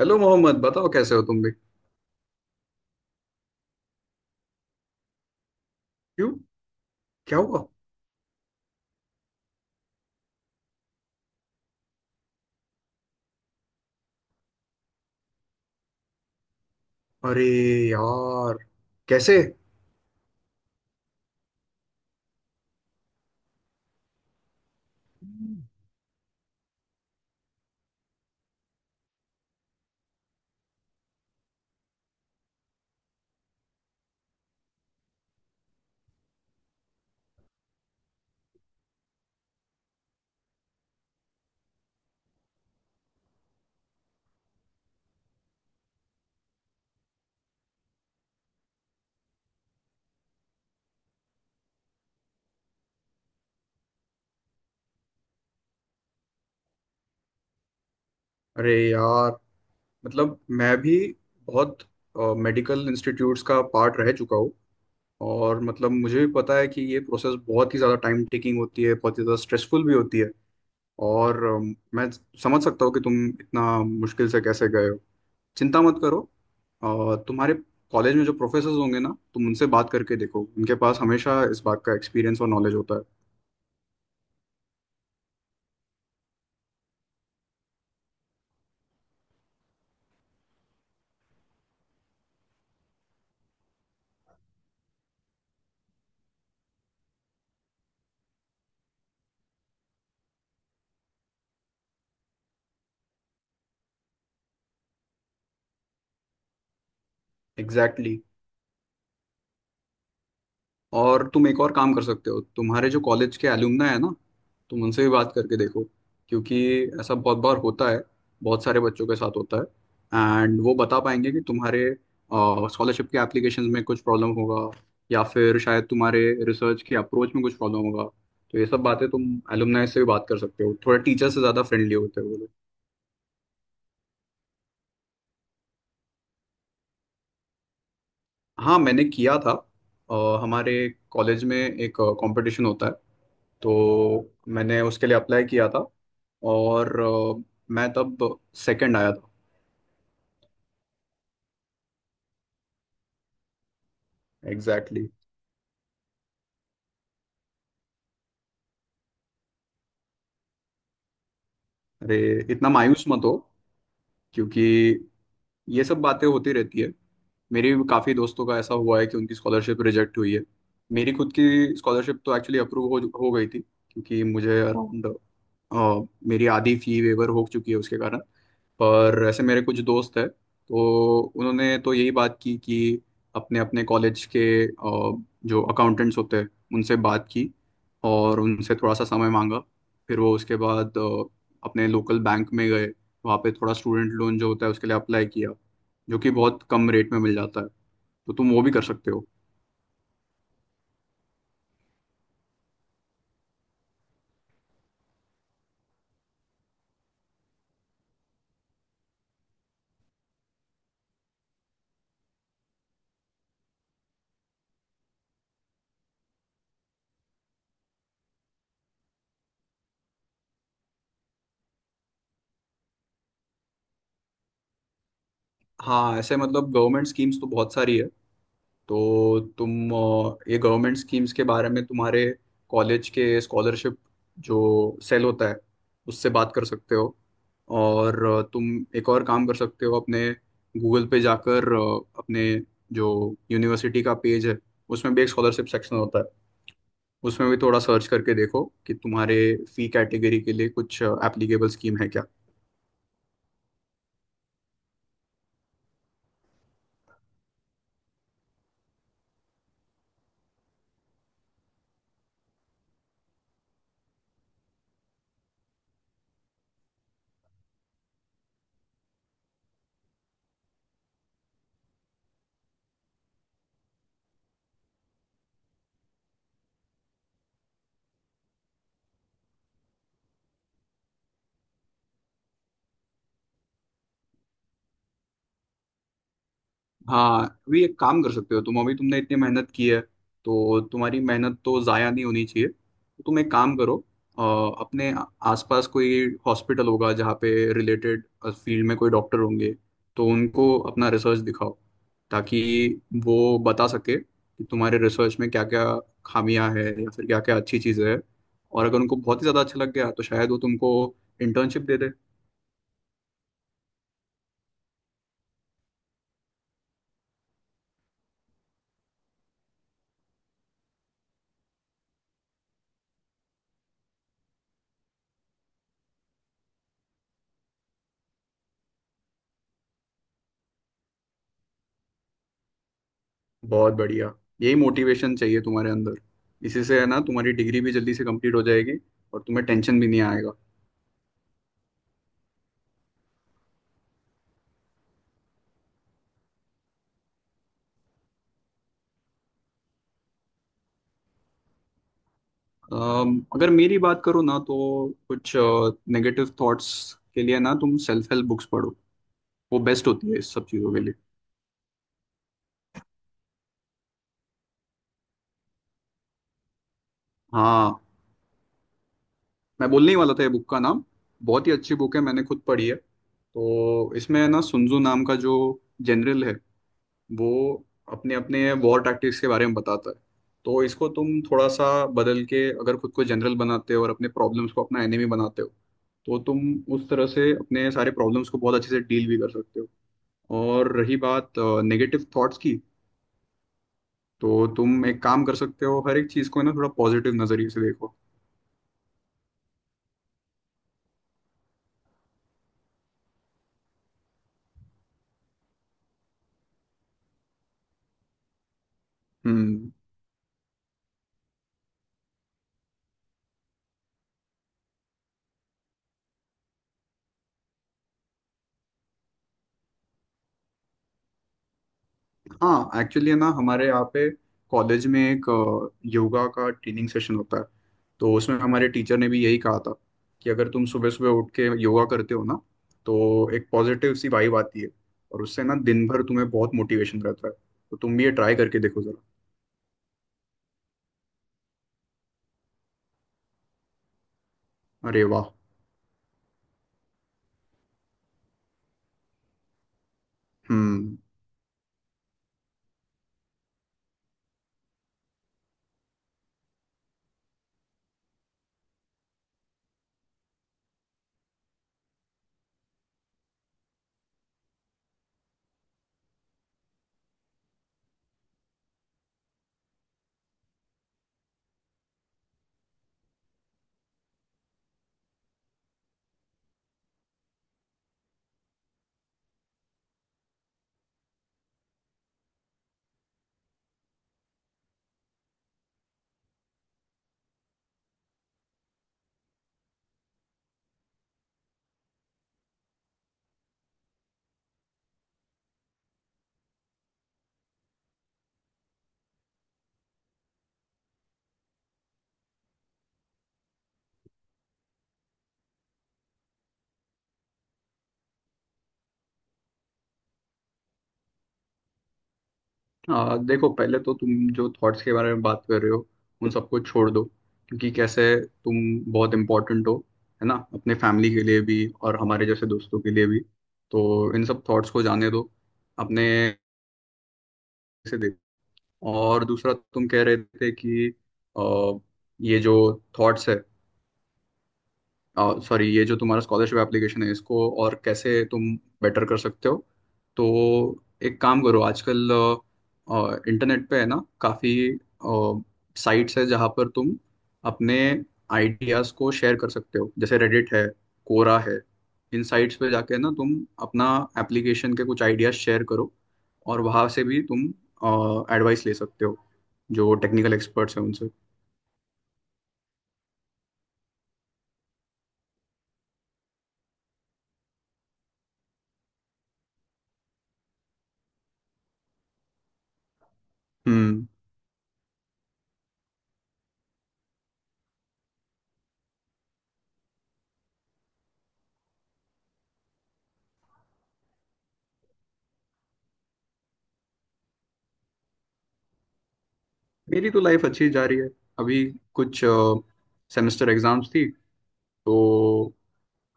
Hello Mohammed, बताओ कैसे हो तुम भी। क्यों? क्या हुआ? अरे यार! कैसे? अरे यार, मतलब मैं भी बहुत मेडिकल इंस्टीट्यूट्स का पार्ट रह चुका हूँ। और मतलब मुझे भी पता है कि ये प्रोसेस बहुत ही ज़्यादा टाइम टेकिंग होती है, बहुत ही ज़्यादा स्ट्रेसफुल भी होती है। और मैं समझ सकता हूँ कि तुम इतना मुश्किल से कैसे गए हो। चिंता मत करो। तुम्हारे कॉलेज में जो प्रोफेसर होंगे ना, तुम उनसे बात करके देखो। उनके पास हमेशा इस बात का एक्सपीरियंस और नॉलेज होता है। एग्जैक्टली। और तुम एक और काम कर सकते हो, तुम्हारे जो कॉलेज के एलुमना है ना, तुम उनसे भी बात करके देखो। क्योंकि ऐसा बहुत बार होता है, बहुत सारे बच्चों के साथ होता है। एंड वो बता पाएंगे कि तुम्हारे स्कॉलरशिप के एप्लीकेशन में कुछ प्रॉब्लम होगा, या फिर शायद तुम्हारे रिसर्च के अप्रोच में कुछ प्रॉब्लम होगा। तो ये सब बातें तुम एलुमनाई से भी बात कर सकते हो, थोड़ा टीचर से ज़्यादा फ्रेंडली होते हो। हाँ, मैंने किया था। हमारे कॉलेज में एक कंपटीशन होता है, तो मैंने उसके लिए अप्लाई किया था। और मैं तब सेकंड आया था। Exactly, exactly। अरे, इतना मायूस मत हो। क्योंकि ये सब बातें होती रहती है। मेरे भी काफ़ी दोस्तों का ऐसा हुआ है कि उनकी स्कॉलरशिप रिजेक्ट हुई है। मेरी खुद की स्कॉलरशिप तो एक्चुअली अप्रूव हो गई थी, क्योंकि मुझे अराउंड मेरी आधी फी वेवर हो चुकी है उसके कारण। पर ऐसे मेरे कुछ दोस्त हैं, तो उन्होंने तो यही बात की कि अपने अपने कॉलेज के जो अकाउंटेंट्स होते हैं उनसे बात की और उनसे थोड़ा सा समय मांगा। फिर वो उसके बाद अपने लोकल बैंक में गए, वहाँ पे थोड़ा स्टूडेंट लोन जो होता है उसके लिए अप्लाई किया, जो कि बहुत कम रेट में मिल जाता है। तो तुम वो भी कर सकते हो। हाँ, ऐसे मतलब गवर्नमेंट स्कीम्स तो बहुत सारी है। तो तुम ये गवर्नमेंट स्कीम्स के बारे में तुम्हारे कॉलेज के स्कॉलरशिप जो सेल होता है उससे बात कर सकते हो। और तुम एक और काम कर सकते हो, अपने गूगल पे जाकर अपने जो यूनिवर्सिटी का पेज है उसमें भी एक स्कॉलरशिप सेक्शन होता है। उसमें भी थोड़ा सर्च करके देखो कि तुम्हारे फी कैटेगरी के लिए कुछ एप्लीकेबल स्कीम है क्या। हाँ, अभी एक काम कर सकते हो तुम। अभी तुमने इतनी मेहनत की है, तो तुम्हारी मेहनत तो ज़ाया नहीं होनी चाहिए। तो तुम एक काम करो, अ, अपने आसपास कोई हॉस्पिटल होगा जहाँ पे रिलेटेड फील्ड में कोई डॉक्टर होंगे, तो उनको अपना रिसर्च दिखाओ। ताकि वो बता सके कि तुम्हारे रिसर्च में क्या क्या खामियां हैं या फिर क्या क्या अच्छी चीज़ें हैं। और अगर उनको बहुत ही ज़्यादा अच्छा लग गया तो शायद वो तुमको इंटर्नशिप दे दे। बहुत बढ़िया। यही मोटिवेशन चाहिए तुम्हारे अंदर। इसी से है ना तुम्हारी डिग्री भी जल्दी से कंप्लीट हो जाएगी। और तुम्हें टेंशन भी नहीं आएगा। अगर मेरी बात करो ना, तो कुछ नेगेटिव थॉट्स के लिए ना तुम सेल्फ हेल्प बुक्स पढ़ो। वो बेस्ट होती है इस सब चीज़ों के लिए। हाँ, मैं बोलने ही वाला था ये बुक का नाम। बहुत ही अच्छी बुक है, मैंने खुद पढ़ी है। तो इसमें है ना सुन्जू नाम का जो जनरल है, वो अपने अपने वॉर टैक्टिक्स के बारे में बताता है। तो इसको तुम थोड़ा सा बदल के अगर खुद को जनरल बनाते हो और अपने प्रॉब्लम्स को अपना एनिमी बनाते हो, तो तुम उस तरह से अपने सारे प्रॉब्लम्स को बहुत अच्छे से डील भी कर सकते हो। और रही बात नेगेटिव थॉट्स की, तो तुम एक काम कर सकते हो, हर एक चीज़ को है ना थोड़ा पॉजिटिव नज़रिए से देखो। हम्म। हाँ, एक्चुअली ना हमारे यहाँ पे कॉलेज में एक योगा का ट्रेनिंग सेशन होता है। तो उसमें हमारे टीचर ने भी यही कहा था कि अगर तुम सुबह सुबह उठ के योगा करते हो ना, तो एक पॉजिटिव सी वाइब आती है, और उससे ना दिन भर तुम्हें बहुत मोटिवेशन रहता है। तो तुम भी ये ट्राई करके देखो जरा। अरे वाह! हम्म। देखो, पहले तो तुम जो थॉट्स के बारे में बात कर रहे हो उन सबको छोड़ दो। क्योंकि कैसे तुम बहुत इम्पोर्टेंट हो, है ना, अपने फैमिली के लिए भी और हमारे जैसे दोस्तों के लिए भी। तो इन सब थॉट्स को जाने दो, अपने से देखो। और दूसरा, तुम कह रहे थे कि आ, ये जो थॉट्स है सॉरी ये जो तुम्हारा स्कॉलरशिप एप्लीकेशन है इसको और कैसे तुम बेटर कर सकते हो। तो एक काम करो, आजकल इंटरनेट पे है ना काफ़ी साइट्स है जहाँ पर तुम अपने आइडियाज़ को शेयर कर सकते हो, जैसे रेडिट है, कोरा है। इन साइट्स पे जाके ना तुम अपना एप्लीकेशन के कुछ आइडियाज़ शेयर करो, और वहाँ से भी तुम एडवाइस ले सकते हो, जो टेक्निकल एक्सपर्ट्स हैं उनसे। हम्म। मेरी तो लाइफ अच्छी जा रही है। अभी कुछ सेमेस्टर एग्जाम्स थी, तो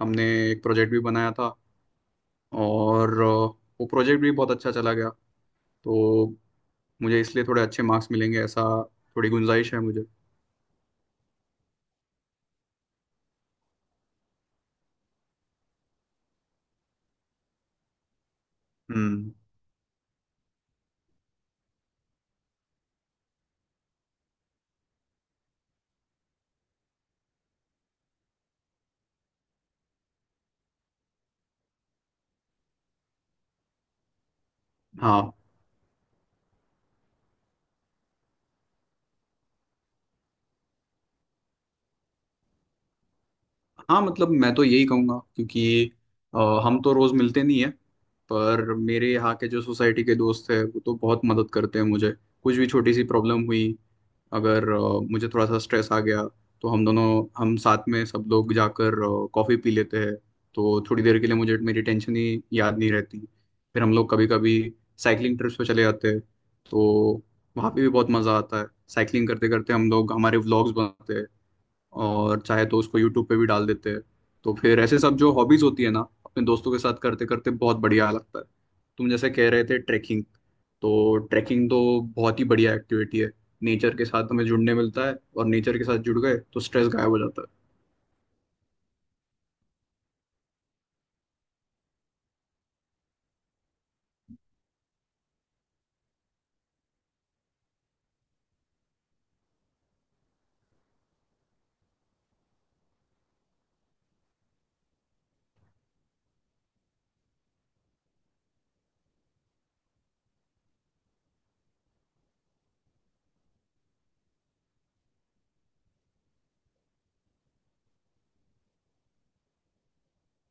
हमने एक प्रोजेक्ट भी बनाया था। और वो प्रोजेक्ट भी बहुत अच्छा चला गया। तो मुझे इसलिए थोड़े अच्छे मार्क्स मिलेंगे ऐसा थोड़ी गुंजाइश है मुझे। हम्म। हाँ हाँ, मतलब मैं तो यही कहूँगा। क्योंकि अ, हम तो रोज़ मिलते नहीं है, पर मेरे यहाँ के जो सोसाइटी के दोस्त हैं वो तो बहुत मदद करते हैं मुझे। कुछ भी छोटी सी प्रॉब्लम हुई, अगर मुझे थोड़ा सा स्ट्रेस आ गया, तो हम साथ में सब लोग जाकर कॉफ़ी पी लेते हैं। तो थोड़ी देर के लिए मुझे मेरी टेंशन ही याद नहीं रहती। फिर हम लोग कभी कभी साइकिलिंग ट्रिप्स पे चले जाते हैं, तो वहाँ पे भी बहुत मज़ा आता है। साइकिलिंग करते करते हम लोग हमारे व्लॉग्स बनाते हैं और चाहे तो उसको यूट्यूब पे भी डाल देते हैं। तो फिर ऐसे सब जो हॉबीज होती है ना, अपने दोस्तों के साथ करते करते बहुत बढ़िया लगता है। तुम जैसे कह रहे थे ट्रैकिंग, तो ट्रैकिंग तो बहुत ही बढ़िया एक्टिविटी है। नेचर के साथ हमें जुड़ने मिलता है, और नेचर के साथ जुड़ गए तो स्ट्रेस गायब हो जाता है।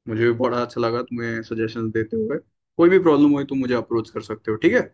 मुझे भी बड़ा अच्छा लगा तुम्हें सजेशन देते हुए। कोई भी प्रॉब्लम हुई तो मुझे अप्रोच कर सकते हो, ठीक है।